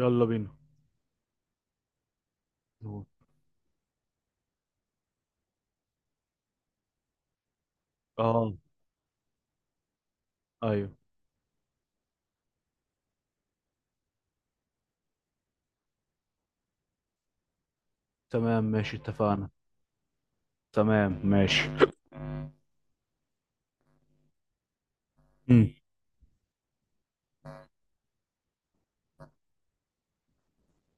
يلا بينا. اه. ايوه. تمام ماشي اتفقنا. تمام ماشي. مم.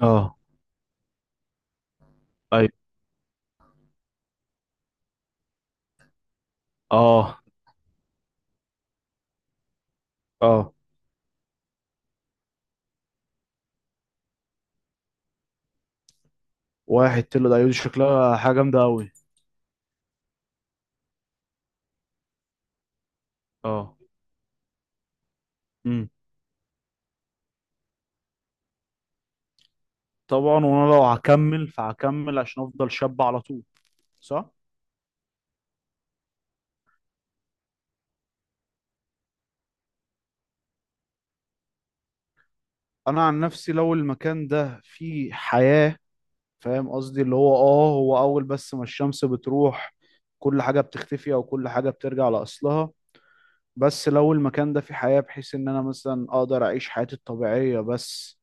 اه. ايوه. اه. اه. واحد تلو دي شكلها حاجه جامده قوي. اه. امم طبعا، وانا لو هكمل فهكمل عشان افضل شاب على طول. صح. انا عن نفسي لو المكان ده فيه حياه، فاهم قصدي، اللي هو اول بس ما الشمس بتروح كل حاجه بتختفي او كل حاجه بترجع لاصلها، بس لو المكان ده فيه حياة بحيث ان انا مثلا اقدر اعيش حياتي الطبيعية، بس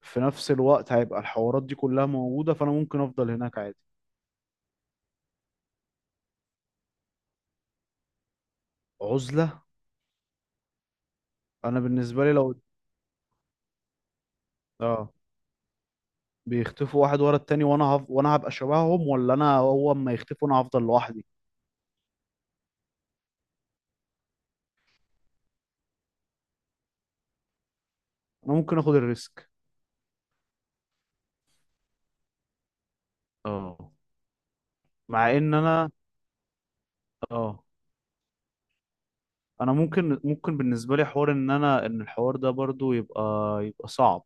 في نفس الوقت هيبقى الحوارات دي كلها موجودة، فانا ممكن افضل هناك عادي. عزلة؟ انا بالنسبة لي لو. اه. بيختفوا واحد ورا التاني، وانا وانا هبقى شبههم، ولا انا هو اما يختفوا انا هفضل لوحدي. انا ممكن اخد الريسك. اه. مع ان انا. اه. انا ممكن بالنسبة لي حوار ان الحوار ده برضو يبقى صعب.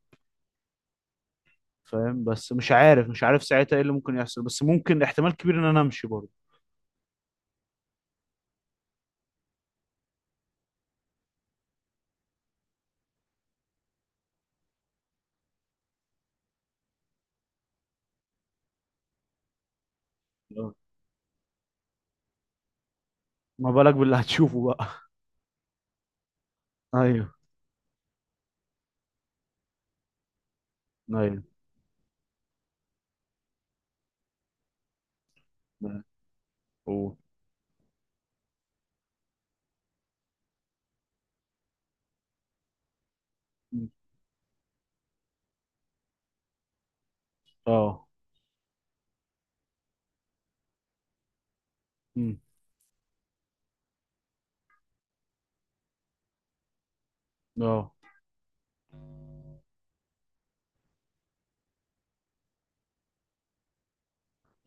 فاهم بس مش عارف ساعتها ايه اللي ممكن يحصل، بس ممكن احتمال كبير ان انا امشي برضو. آه. ما بالك باللي هتشوفه بقى؟ ايوه. ايوه. أوه. مم. اه. مم. اه.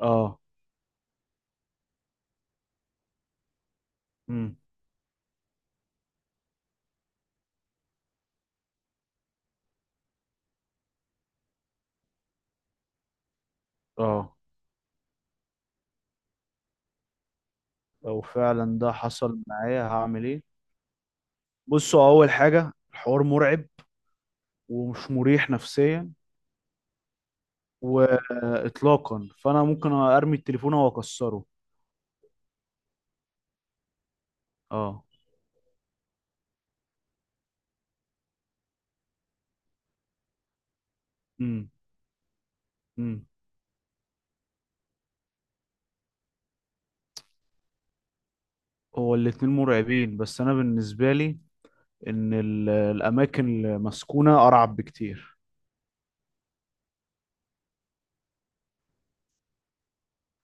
اه. مم. اه. لو فعلا ده حصل معايا هعمل ايه؟ بصوا، اول حاجة الحوار مرعب، ومش مريح نفسيا، واطلاقا، فانا ممكن ارمي التليفون او اكسره. اه. امم. امم. هو الاتنين مرعبين، بس انا بالنسبة لي ان الاماكن المسكونة ارعب بكتير.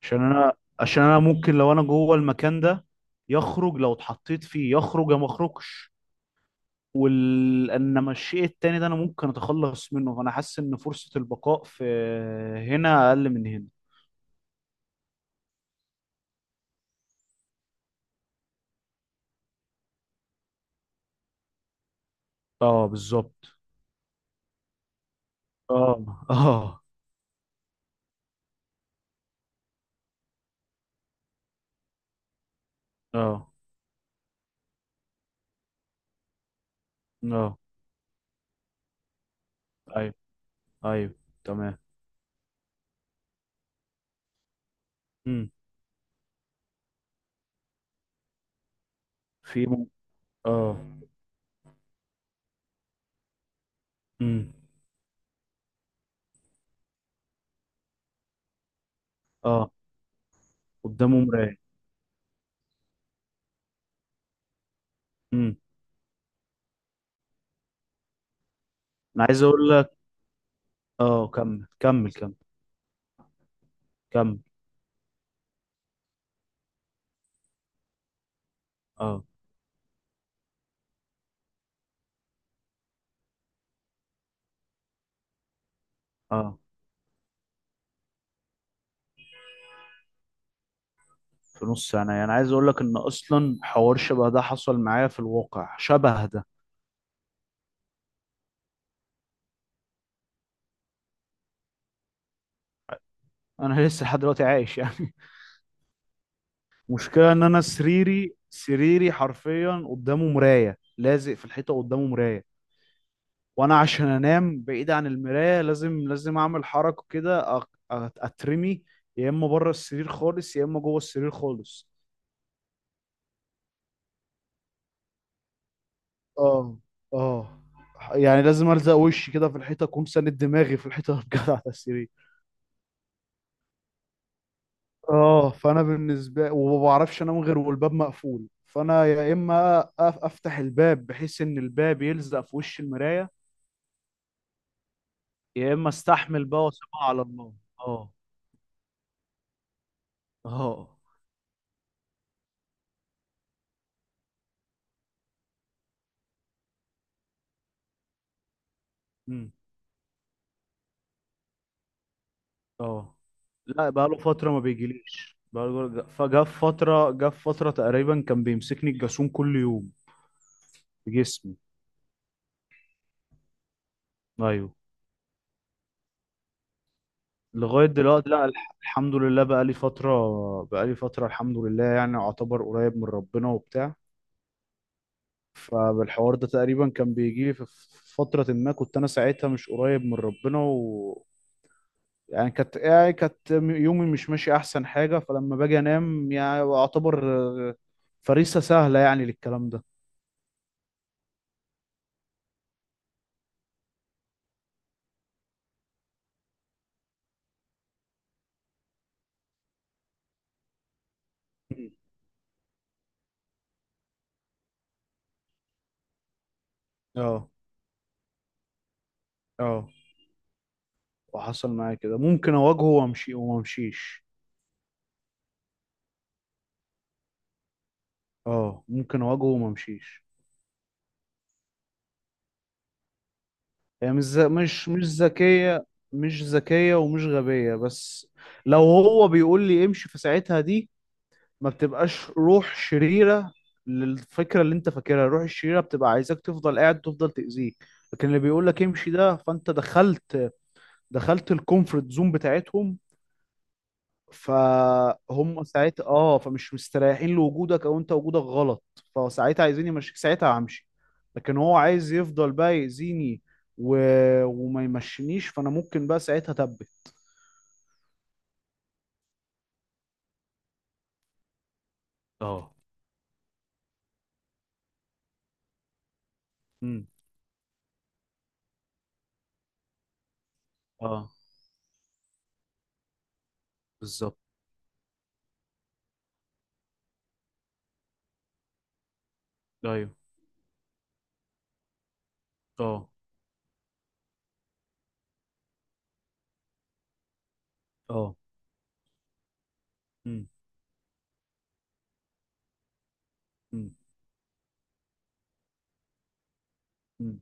عشان انا، عشان انا ممكن لو انا جوه المكان ده يخرج، لو اتحطيت فيه يخرج يا ما اخرجش. انما الشيء التاني ده انا ممكن اتخلص منه، فانا حاسس ان فرصة البقاء في هنا اقل من هنا. اه بالظبط. اه. اه. اه. اه. ايوه. ايوه تمام. امم. في م... اه. امم. اه قدامه مراية. امم. انا عايز اقول لك. اه كمل كمل كمل. كمل. اه. اه في نص سنة، يعني عايز اقول لك ان اصلا حوار شبه ده حصل معايا في الواقع، شبه ده. انا لسه لحد دلوقتي عايش يعني. مشكلة ان انا سريري حرفيا قدامه مراية، لازق في الحيطة قدامه مراية. وانا عشان انام بعيد عن المراية لازم اعمل حركة كده اترمي، يا اما بره السرير خالص يا اما جوه السرير خالص. اه. اه. يعني لازم الزق وشي كده في الحيطة، اكون ساند دماغي في الحيطة بجد على السرير. اه، فانا بالنسبه وما بعرفش انام غير والباب مقفول، فانا يا اما افتح الباب بحيث ان الباب يلزق في وش المرايه، يا اما استحمل بقى واسيبها على الله. اه. اه. امم. اه. لا، بقى له فتره ما بيجيليش، فجاء في فتره جاء في فتره تقريبا كان بيمسكني الجاسون كل يوم في جسمي. ايوه. لغايه دلوقتي لا، الحمد لله بقى لي فتره، بقى لي فتره الحمد لله، يعني اعتبر قريب من ربنا وبتاع. فالحوار ده تقريبا كان بيجي لي في فترة ما كنت أنا ساعتها مش قريب من ربنا، و. يعني كانت يومي مش ماشي أحسن حاجة، فلما باجي أنام يعني أعتبر آه، فريسة سهلة يعني للكلام ده. مم. اه. اه. وحصل معايا كده ممكن أواجهه وأمشي وممشيش. اه، ممكن أواجهه وممشيش. هي يعني مش ذكية، مش ذكية ومش غبية، بس لو هو بيقول لي امشي في ساعتها دي ما بتبقاش روح شريرة. للفكرة اللي انت فاكرها الروح الشريرة بتبقى عايزاك تفضل قاعد، تفضل تأذيك. لكن اللي بيقول لك امشي ده، فانت دخلت الكومفورت زون بتاعتهم، فهم ساعتها فمش مستريحين لوجودك او انت وجودك غلط، فساعتها عايزين يمشيك، ساعتها همشي. لكن هو عايز يفضل بقى يأذيني و... وما يمشينيش، فانا ممكن بقى ساعتها اتبت. اه. امم. اه بالظبط. ايوه. اه. اه. امم. امم. امم.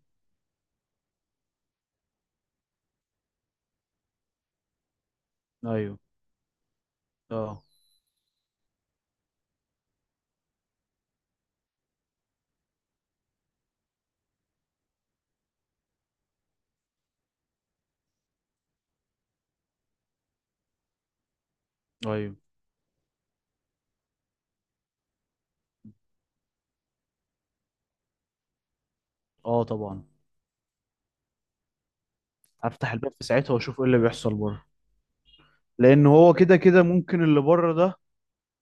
ايوه. اه. ايوه. اه طبعا. هفتح الباب في ساعتها واشوف ايه اللي بيحصل بره. لان هو كده كده ممكن اللي بره ده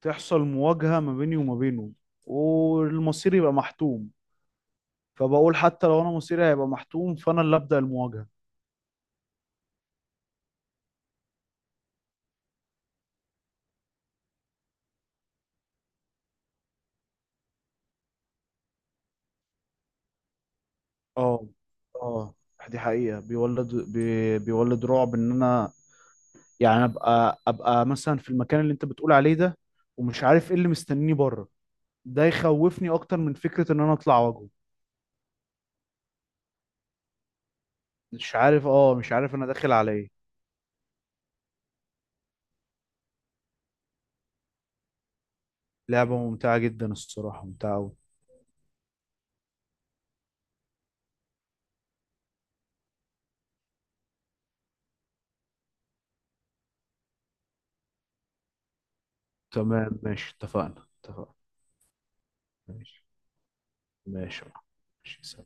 تحصل مواجهة ما بيني وما بينه، والمصير يبقى محتوم. فبقول حتى لو انا مصيري هيبقى محتوم، فانا اللي ابدا المواجهة. اه. اه، دي حقيقة بيولد بيولد رعب ان انا يعني ابقى مثلا في المكان اللي انت بتقول عليه ده، ومش عارف ايه اللي مستنيني بره. ده يخوفني اكتر من فكرة ان انا اطلع واجهه. مش عارف انا داخل على ايه. لعبة ممتعة جدا الصراحة، ممتعة أوي. تمام ماشي اتفقنا، اتفقنا. ماشي. ماشي. ماشي.